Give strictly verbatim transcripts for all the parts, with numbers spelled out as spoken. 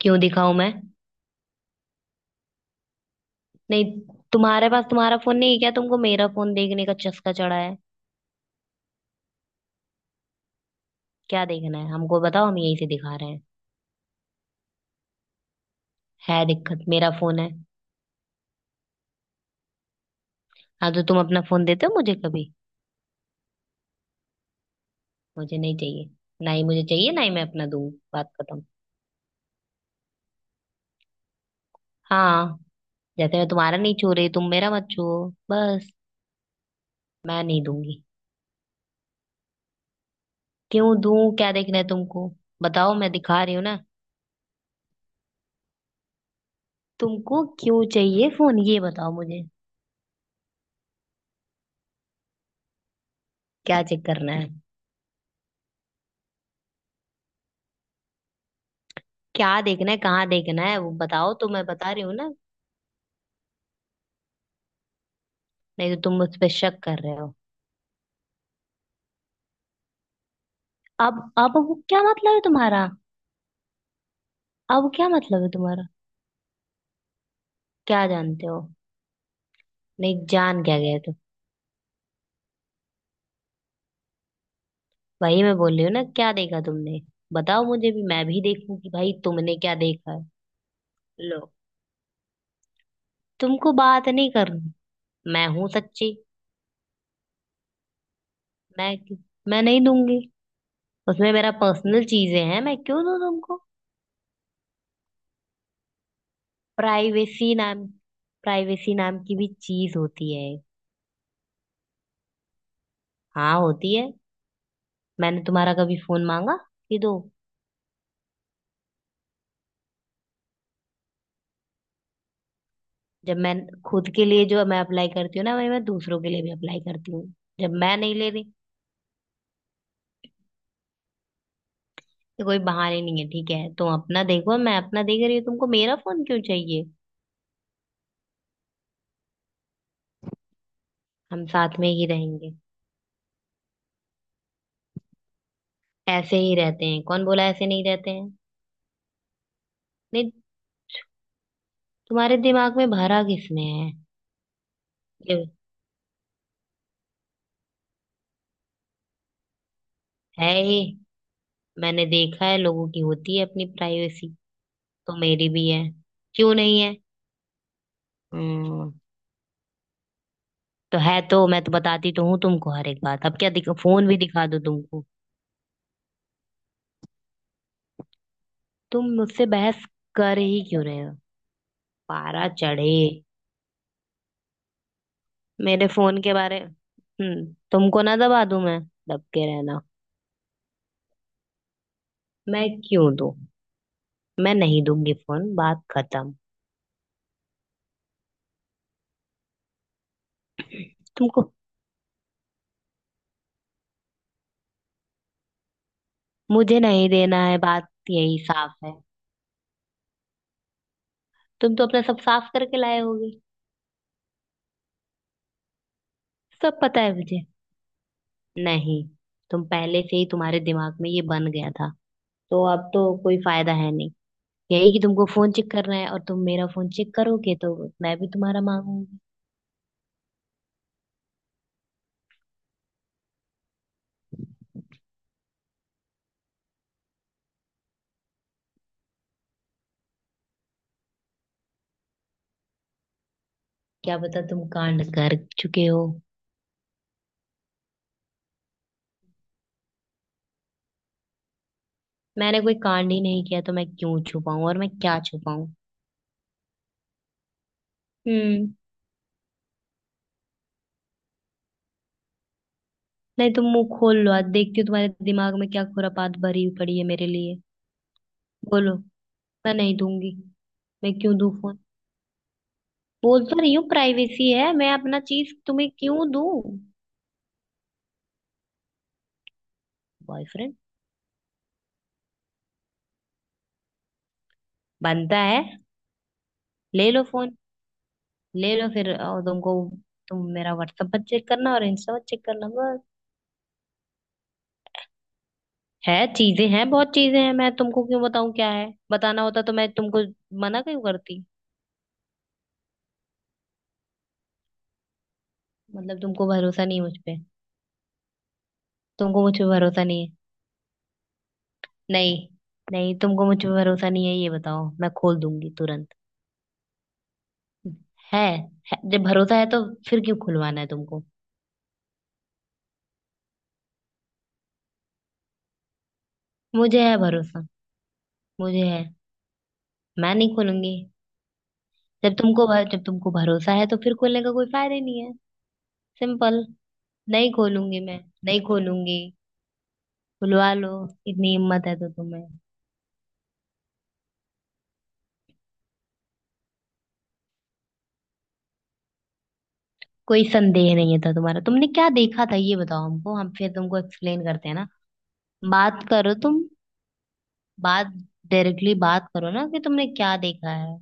क्यों दिखाऊं मैं। नहीं। तुम्हारे पास तुम्हारा फोन नहीं है क्या? तुमको मेरा फोन देखने का चस्का चढ़ा है? क्या देखना है हमको बताओ, हम यही से दिखा रहे हैं। है दिक्कत, मेरा फोन है। हाँ तो तुम अपना फोन देते हो मुझे कभी? मुझे नहीं चाहिए। ना ही मुझे चाहिए ना ही मैं अपना दूं। बात खत्म। हाँ। जैसे मैं तुम्हारा नहीं छू रही, तुम मेरा मत छुओ। बस। मैं नहीं दूंगी। क्यों दूं? क्या देखना है तुमको? बताओ, मैं दिखा रही हूँ ना। तुमको क्यों चाहिए फोन, ये बताओ मुझे। क्या चेक करना है? क्या देखना है कहाँ देखना है वो बताओ तो, मैं बता रही हूँ ना। नहीं, तो तुम उस पर शक कर रहे हो। अब अब वो क्या मतलब है तुम्हारा? अब क्या मतलब है तुम्हारा? क्या जानते हो? नहीं, जान क्या गए तुम? वही मैं बोल रही हूँ ना, क्या देखा तुमने? बताओ मुझे भी, मैं भी देखूं कि भाई तुमने क्या देखा है। लो। तुमको बात नहीं करनी। मैं हूं सच्ची। मैं मैं नहीं दूंगी। उसमें मेरा पर्सनल चीजें हैं, मैं क्यों दूं तुमको? प्राइवेसी नाम प्राइवेसी नाम की भी चीज होती है। हाँ होती है। मैंने तुम्हारा कभी फोन मांगा कि दो? जब मैं खुद के लिए जो मैं अप्लाई करती हूँ ना वही मैं दूसरों के लिए भी अप्लाई करती हूँ। जब मैं नहीं ले रही तो कोई बहाने नहीं है, ठीक है। तुम अपना देखो, मैं अपना देख रही हूँ, तुमको मेरा फोन क्यों चाहिए? हम साथ में ही रहेंगे। ऐसे ही रहते हैं, कौन बोला ऐसे नहीं रहते हैं? नहीं। तुम्हारे दिमाग में भरा किसने है? ये है ही। मैंने देखा है, लोगों की होती है अपनी प्राइवेसी। तो मेरी भी है। क्यों नहीं है? हम्म, तो है। तो मैं तो बताती तो हूँ तुमको हर एक बात। अब क्या दिख फोन भी दिखा दो तुमको? तुम मुझसे बहस कर ही क्यों रहे हो? पारा चढ़े। मेरे फोन के बारे हम्म तुमको ना दबा दूं मैं। दब के रहना। मैं क्यों दूं? मैं नहीं दूंगी फोन, बात खत्म। तुमको। मुझे नहीं देना है, बात यही साफ है। तुम तो अपना सब साफ करके लाए होगे। सब पता है मुझे। नहीं। तुम पहले से ही तुम्हारे दिमाग में ये बन गया था, तो अब तो कोई फायदा है नहीं। यही कि तुमको फोन चेक करना है और तुम मेरा फोन चेक करोगे तो। मैं भी तुम्हारा मांगूंगी। क्या पता तुम कांड कर चुके हो। मैंने कोई कांड ही नहीं किया तो मैं क्यों छुपाऊं और मैं क्या छुपाऊं? हम्म। नहीं, तुम मुंह खोल लो, आज देखती हूँ तुम्हारे दिमाग में क्या खुरापात भरी पड़ी है मेरे लिए। बोलो। मैं नहीं दूंगी। मैं क्यों दूं फोन? बोल तो रही हूँ, प्राइवेसी है, मैं अपना चीज तुम्हें क्यों दूं? बॉयफ्रेंड। बनता है। ले लो फोन। ले लो फिर, और तुमको तुम मेरा व्हाट्सएप पर चेक करना और इंस्टा पर चेक करना, बस। है चीजें हैं, बहुत चीजें हैं, मैं तुमको क्यों बताऊं क्या है, बताना होता तो मैं तुमको मना क्यों करती? मतलब तुमको भरोसा नहीं मुझ पे? तुमको मुझ पे भरोसा नहीं है। नहीं। नहीं, तुमको मुझ पे भरोसा नहीं है ये बताओ, मैं खोल दूंगी तुरंत। है, है। जब भरोसा है तो फिर क्यों खुलवाना है तुमको? मुझे है भरोसा। मुझे है। मैं नहीं खोलूंगी। जब तुमको भ- जब तुमको भरोसा है तो फिर खोलने का कोई फायदा ही नहीं है। सिंपल। नहीं खोलूंगी मैं। नहीं खोलूंगी। खुलवा लो, इतनी हिम्मत है तो तुम्हें। कोई संदेह नहीं था तुम्हारा, तुमने क्या देखा था ये बताओ हमको, हम फिर तुमको एक्सप्लेन करते हैं ना। बात करो तुम। बात डायरेक्टली बात करो ना, कि तुमने क्या देखा है?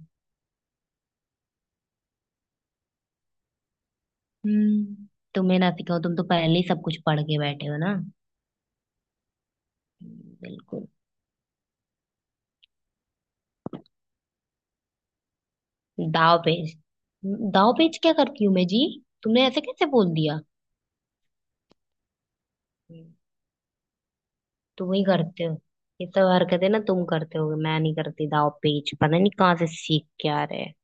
हम्म। तुम्हें ना सिखाओ, तुम तो पहले ही सब कुछ पढ़ के बैठे हो ना। बिल्कुल। दाव पेच दाव पेच क्या करती हूँ मैं जी? तुमने ऐसे कैसे बोल दिया? हम्म, तुम ही करते हो। ये सब हरकतें ना, तुम करते हो, मैं नहीं करती, दाव पेच पता नहीं कहाँ से सीख के आ रहे हैं।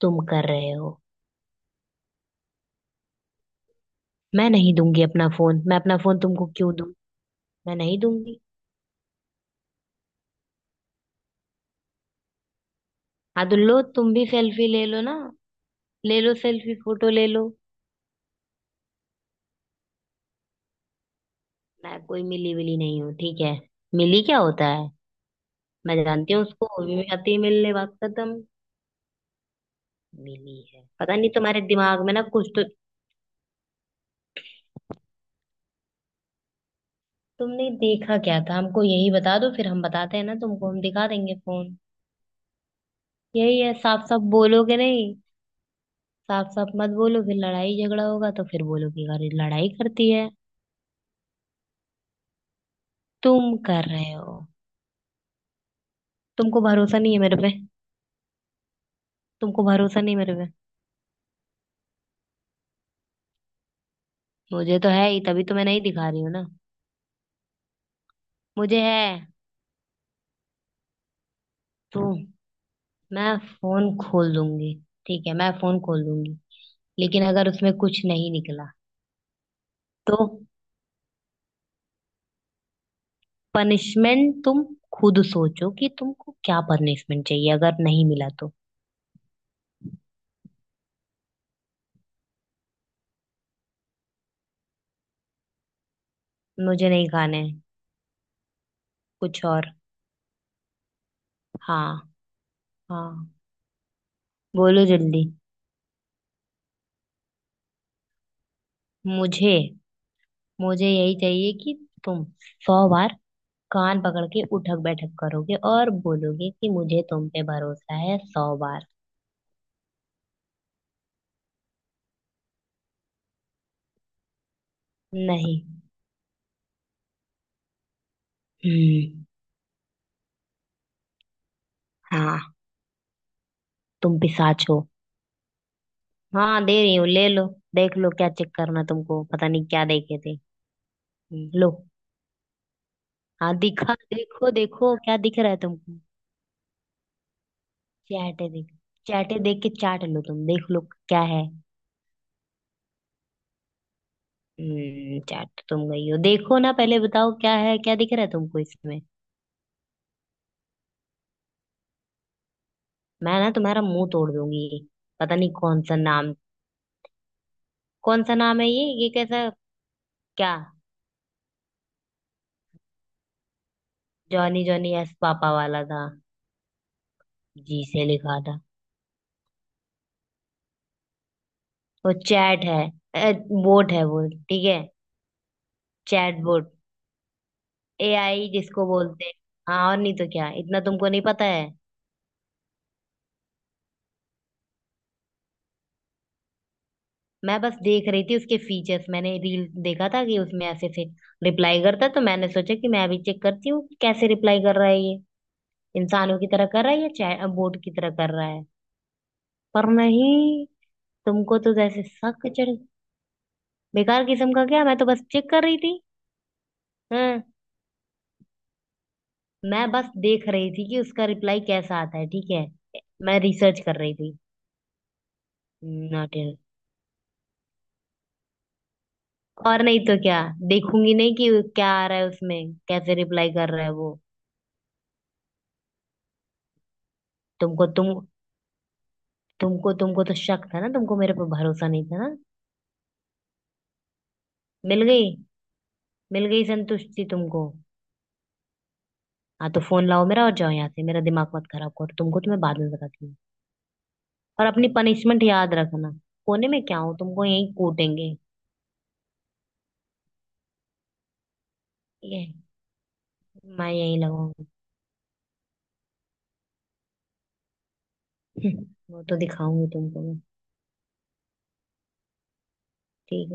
तुम कर रहे हो। मैं नहीं दूंगी अपना फोन, मैं अपना फोन तुमको क्यों दूं? मैं नहीं दूंगी। हाँ तो लो, तुम भी सेल्फी ले लो ना, ले लो सेल्फी, फोटो ले लो। मैं कोई मिली विली नहीं हूँ, ठीक है। मिली क्या होता है? मैं जानती हूँ उसको, वो भी आती है मिलने, बात खत्म। मिली है पता नहीं तुम्हारे दिमाग में ना कुछ तो। तुमने देखा क्या था हमको यही बता दो, फिर हम बताते हैं ना तुमको, हम दिखा देंगे फोन। यही है, साफ साफ बोलोगे नहीं? साफ साफ मत बोलो, फिर लड़ाई झगड़ा होगा तो फिर बोलोगे अरे लड़ाई करती है। तुम कर रहे हो। तुमको भरोसा नहीं है मेरे पे। तुमको भरोसा नहीं मेरे पे। मुझे तो है ही, तभी तो मैं नहीं दिखा रही हूँ ना। मुझे है। तो मैं फोन खोल दूंगी। ठीक है, मैं फोन खोल दूंगी। लेकिन अगर उसमें कुछ नहीं निकला तो। पनिशमेंट तुम खुद सोचो कि तुमको क्या पनिशमेंट चाहिए अगर नहीं मिला तो। मुझे नहीं खाना है। कुछ और। हाँ, हाँ। बोलो जल्दी। मुझे मुझे यही चाहिए कि तुम सौ बार कान पकड़ के उठक बैठक करोगे और बोलोगे कि मुझे तुम पे भरोसा है सौ बार। नहीं। हम्म। हाँ। तुम पिशाच हो। हाँ दे रही हूँ, ले लो। देख लो क्या चेक करना तुमको, पता नहीं क्या देखे थे। हम्म, लो। हाँ दिखा, देखो देखो क्या दिख रहा है तुमको? चैटे देख चैटे देख के चाट लो, तुम देख लो, क्या है? हम्म चाट तो तुम गई हो, देखो ना, पहले बताओ क्या है, क्या दिख रहा है तुमको इसमें? मैं ना तुम्हारा मुंह तोड़ दूंगी। पता नहीं कौन सा नाम। कौन सा नाम है ये ये कैसा? क्या? जॉनी जॉनी एस पापा वाला था। जी से लिखा था। वो चैट है। बोट है वो, ठीक है। Chat boat. ए आई जिसको बोलते हैं। हाँ और नहीं तो क्या, इतना तुमको नहीं पता है। मैं बस देख रही थी उसके फीचर्स, मैंने रील देखा था कि उसमें ऐसे से रिप्लाई करता है, तो मैंने सोचा कि मैं अभी चेक करती हूँ कि कैसे रिप्लाई कर रहा है ये, इंसानों की तरह कर रहा है या चैट बोट की तरह कर रहा है। पर नहीं। तुमको तो जैसे सक चढ़। बेकार किस्म का क्या, मैं तो बस चेक कर रही थी। हम्म। मैं बस देख रही थी कि उसका रिप्लाई कैसा आता है, ठीक है। मैं रिसर्च कर रही थी। Not in. और नहीं तो क्या, देखूंगी नहीं कि क्या आ रहा है उसमें, कैसे रिप्लाई कर रहा है वो? तुमको तुम तुमको तुमको तो शक था ना, तुमको मेरे पर भरोसा नहीं था ना। मिल गई मिल गई संतुष्टि तुमको? हाँ तो फोन लाओ मेरा और जाओ यहाँ से, मेरा दिमाग मत खराब करो, तुमको तो मैं बाद में बताती हूँ। और अपनी पनिशमेंट याद रखना। कोने में क्या हूँ, तुमको यहीं कूटेंगे। ये मैं यहीं लगाऊंगी। वो तो दिखाऊंगी तुमको मैं। ठीक है।